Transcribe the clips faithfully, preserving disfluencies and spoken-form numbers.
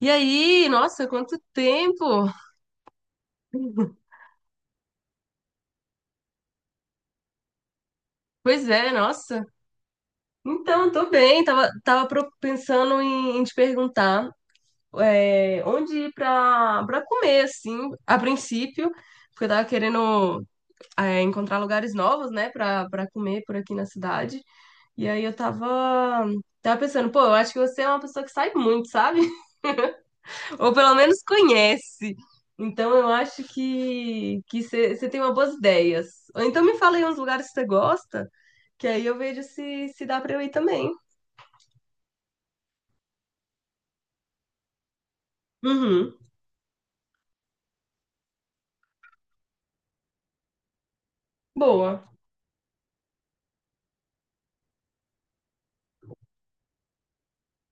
E aí, nossa, quanto tempo! Pois é, nossa. Então, tô bem. Tava, tava pro- pensando em, em te perguntar é, onde ir pra, pra comer, assim, a princípio, porque eu tava querendo é, encontrar lugares novos, né, pra, pra comer por aqui na cidade. E aí eu tava, tava pensando, pô, eu acho que você é uma pessoa que sai muito, sabe? Ou pelo menos conhece. Então eu acho que que você tem uma boas ideias. Ou então me fala aí uns lugares que você gosta, que aí eu vejo se, se dá pra eu ir também. Uhum. Boa.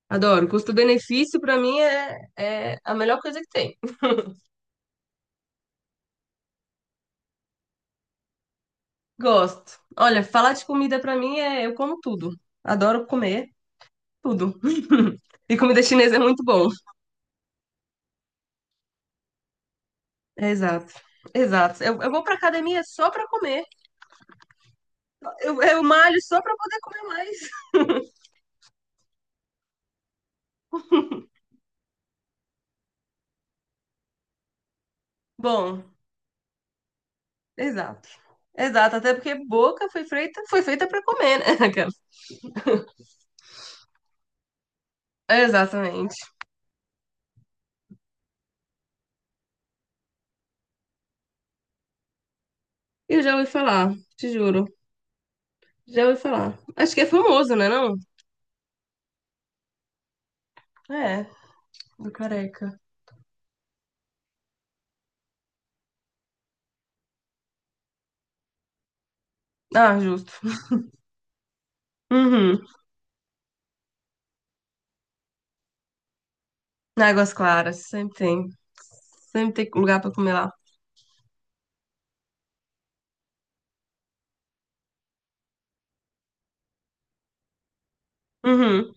Adoro. Custo-benefício pra mim é, é a melhor coisa que tem. Gosto. Olha, falar de comida pra mim é eu como tudo. Adoro comer tudo. E comida chinesa é muito bom. É, exato. Exato. Eu, eu vou pra academia só pra comer. Eu, eu malho só pra poder comer mais. Bom, exato. Exato, até porque boca foi feita, foi feita para comer, né? Aquela. Exatamente. Eu já ouvi falar, te juro. Já ouvi falar. Acho que é famoso, né, não? É, do careca. Ah, justo. Uhum. Águas Claras, sempre tem. Sempre tem lugar pra comer lá. Uhum.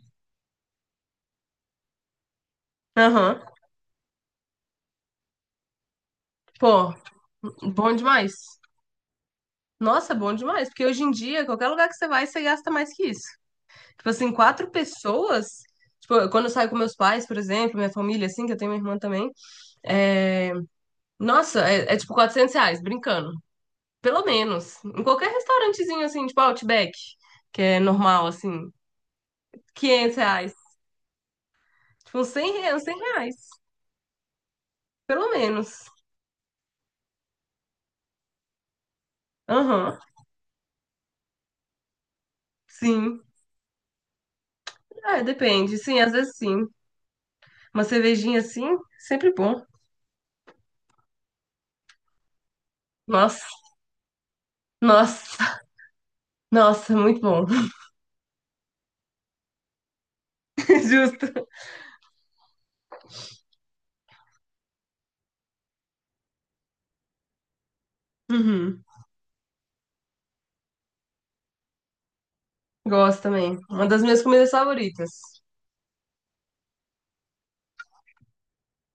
Aham. Pô, bom demais. Nossa, bom demais, porque hoje em dia, qualquer lugar que você vai, você gasta mais que isso. Tipo assim, quatro pessoas. Tipo, quando eu saio com meus pais, por exemplo, minha família, assim, que eu tenho minha irmã também. É, Nossa, é, é tipo quatrocentos reais, brincando. Pelo menos. Em qualquer restaurantezinho, assim, tipo Outback, que é normal, assim, quinhentos reais. Tipo, uns cem reais, cem reais. Pelo menos. Aham, sim. É, depende. Sim, às vezes sim. Uma cervejinha assim, sempre bom. Nossa, nossa, nossa, muito bom. Justo. Uhum. Gosto também. Uma das minhas comidas favoritas.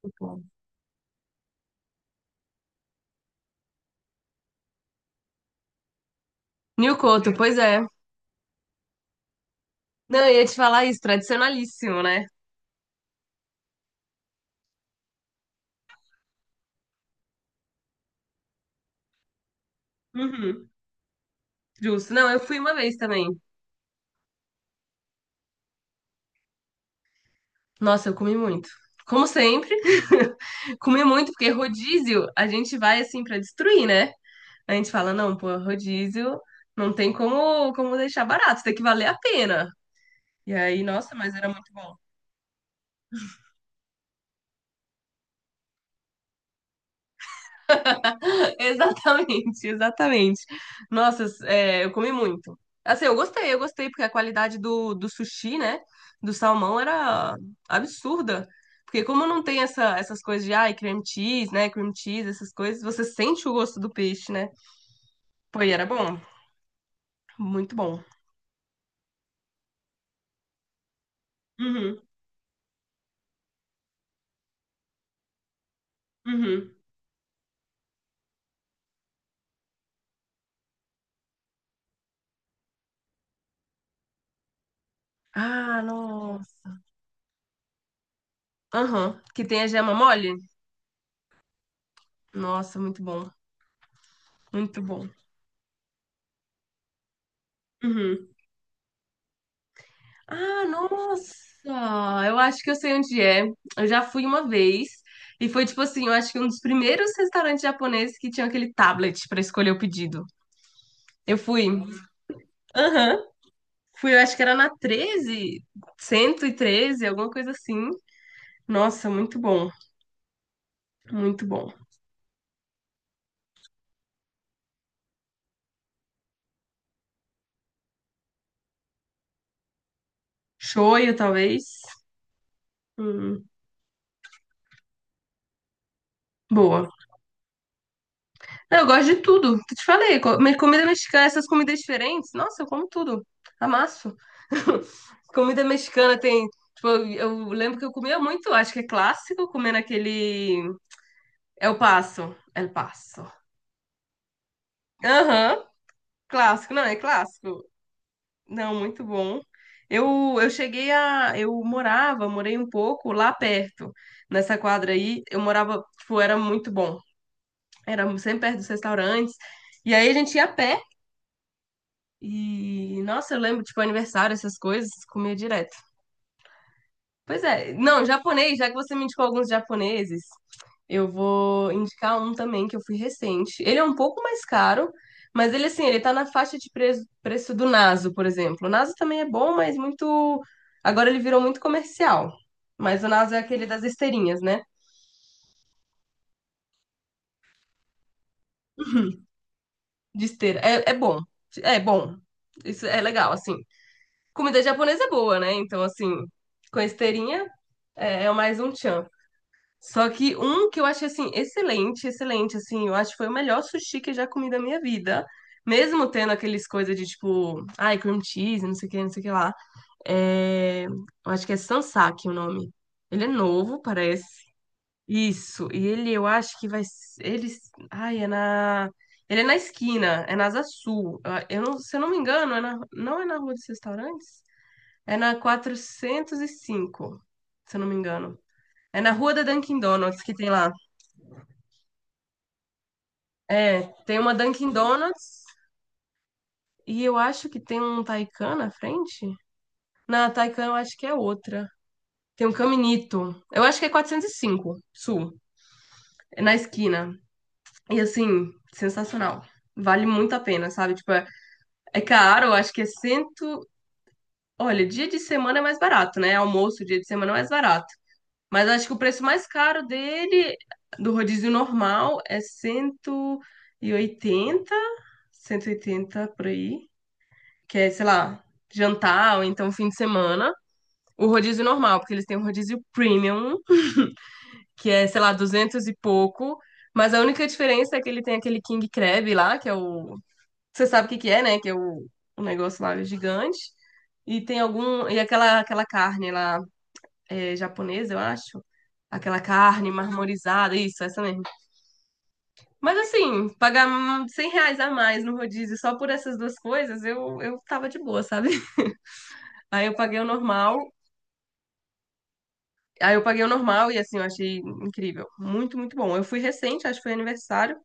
Muito bom. Nhocoto, pois é. Não, eu ia te falar isso, tradicionalíssimo, né? Uhum. Justo. Não, eu fui uma vez também. Nossa, eu comi muito. Como sempre, comi muito, porque rodízio a gente vai assim pra destruir, né? A gente fala, não, pô, rodízio não tem como, como deixar barato, tem que valer a pena. E aí, nossa, mas era muito bom. Exatamente, exatamente. Nossa, é, eu comi muito. Assim, eu gostei, eu gostei, porque a qualidade do, do sushi, né? Do salmão era absurda. Porque como não tem essa, essas coisas de, ai, cream cheese, né? Cream cheese, essas coisas, você sente o gosto do peixe, né? Pô, e era bom. Muito bom. Uhum, uhum. Ah, nossa. Aham. Que tem a gema mole? Nossa, muito bom. Muito bom. Uhum. Ah, nossa! Eu acho que eu sei onde é. Eu já fui uma vez e foi tipo assim, eu acho que um dos primeiros restaurantes japoneses que tinha aquele tablet pra escolher o pedido. Eu fui. Aham. Fui, eu acho que era na treze, cento e treze, alguma coisa assim. Nossa, muito bom. Muito bom. Shoyu, talvez. Hum, boa. Eu gosto de tudo. Te falei, co- mas comida mexicana, essas comidas diferentes, nossa, eu como tudo. Amasso. Comida mexicana tem. Tipo, eu eu lembro que eu comia muito, acho que é clássico, comendo aquele. El Paso. El Paso. Aham, clássico, não, é clássico. Não, muito bom. Eu, eu cheguei a. Eu morava, morei um pouco lá perto, nessa quadra aí. Eu morava, tipo, era muito bom. Era sempre perto dos restaurantes. E aí a gente ia a pé. E, nossa, eu lembro, tipo, aniversário, essas coisas, comia direto. Pois é, não, japonês, já que você me indicou alguns japoneses, eu vou indicar um também que eu fui recente. Ele é um pouco mais caro, mas ele, assim, ele tá na faixa de preço, preço do Naso, por exemplo. O Naso também é bom, mas muito. Agora ele virou muito comercial. Mas o Naso é aquele das esteirinhas, né? De esteira. É, é bom. É bom. Isso é legal, assim. Comida japonesa é boa, né? Então, assim, com esteirinha é, é mais um tchan. Só que um que eu achei assim excelente, excelente, assim, eu acho que foi o melhor sushi que eu já comi da minha vida. Mesmo tendo aqueles coisas de tipo, ai, cream cheese, não sei o que, não sei o que lá. É, eu acho que é Sansaki o nome. Ele é novo, parece. Isso. E ele, eu acho que vai. S- Ele. Ai, é na. Ele é na esquina, é na Asa Sul. Ah, eu não, se eu não me engano, é na, não é na Rua dos Restaurantes? É na quatrocentos e cinco se eu não me engano. É na Rua da Dunkin' Donuts que tem lá. É, tem uma Dunkin' Donuts e eu acho que tem um Taycan na frente. Na Taycan eu acho que é outra. Tem um Caminito. Eu acho que é quatrocentos e cinco, Sul. É na esquina. E assim, sensacional. Vale muito a pena, sabe? Tipo, é, é caro, eu acho que é cento. Olha, dia de semana é mais barato, né? Almoço, dia de semana é mais barato. Mas eu acho que o preço mais caro dele, do rodízio normal, é cento cento e oitenta, cento e oitenta por aí. Que é, sei lá, jantar ou então fim de semana. O rodízio normal, porque eles têm um rodízio premium, que é, sei lá, duzentos e pouco. Mas a única diferença é que ele tem aquele King Crab lá, que é o. Você sabe o que que é, né? Que é o, o negócio lá gigante. E tem algum. E aquela, aquela carne lá é, japonesa, eu acho. Aquela carne marmorizada, isso, essa mesmo. Mas assim, pagar cem reais a mais no rodízio só por essas duas coisas, eu, eu tava de boa, sabe? Aí eu paguei o normal Aí eu paguei o normal e assim, eu achei incrível. Muito, muito bom. Eu fui recente, acho que foi aniversário.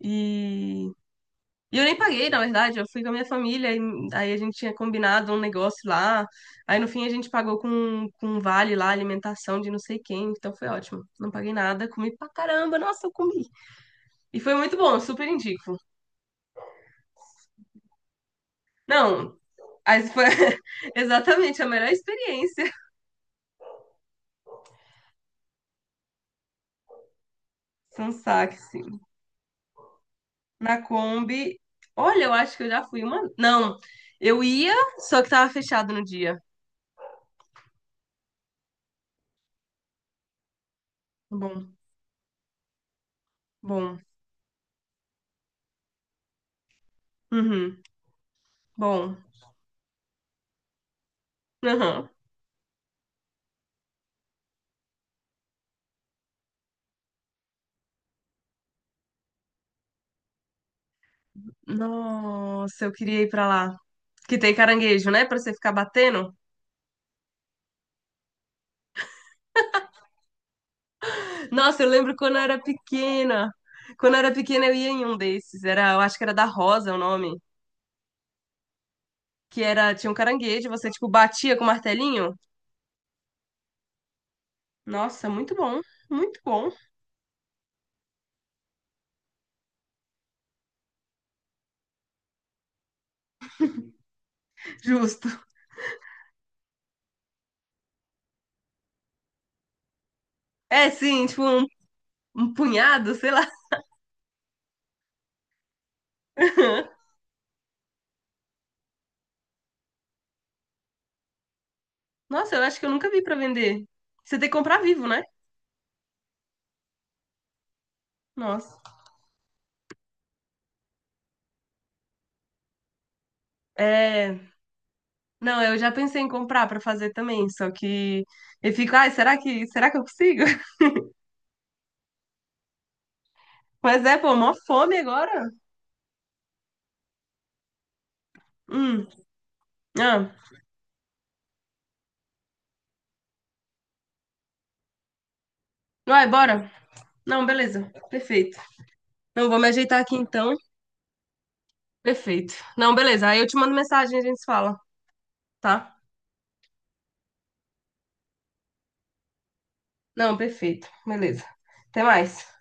E, e eu nem paguei, na verdade. Eu fui com a minha família. E, aí a gente tinha combinado um negócio lá. Aí no fim a gente pagou com, com um vale lá, alimentação de não sei quem. Então foi ótimo. Não paguei nada, comi pra caramba. Nossa, eu comi. E foi muito bom, super indico. Não, aí foi exatamente a melhor experiência. São saques. Na Kombi. Olha, eu acho que eu já fui uma. Não, eu ia, só que tava fechado no dia. Bom, bom. Uhum, bom. Aham. Nossa, eu queria ir pra lá. Que tem caranguejo, né? Pra você ficar batendo. Nossa, eu lembro quando eu era pequena. Quando eu era pequena, eu ia em um desses. Era, eu acho que era da Rosa o nome. Que era, tinha um caranguejo, você, tipo, batia com o martelinho. Nossa, muito bom. Muito bom. Justo. É, sim, tipo, um, um punhado, sei lá. Nossa, eu acho que eu nunca vi pra vender. Você tem que comprar vivo, né? Nossa. É, não, eu já pensei em comprar pra fazer também, só que eu fico, ai, será que, será que eu consigo? Mas é, pô, mó fome agora. Hum, ah, vai, bora. Não, beleza, perfeito. Não, vou me ajeitar aqui então. Perfeito. Não, beleza, aí eu te mando mensagem e a gente se fala, tá? Não, perfeito, beleza. Até mais.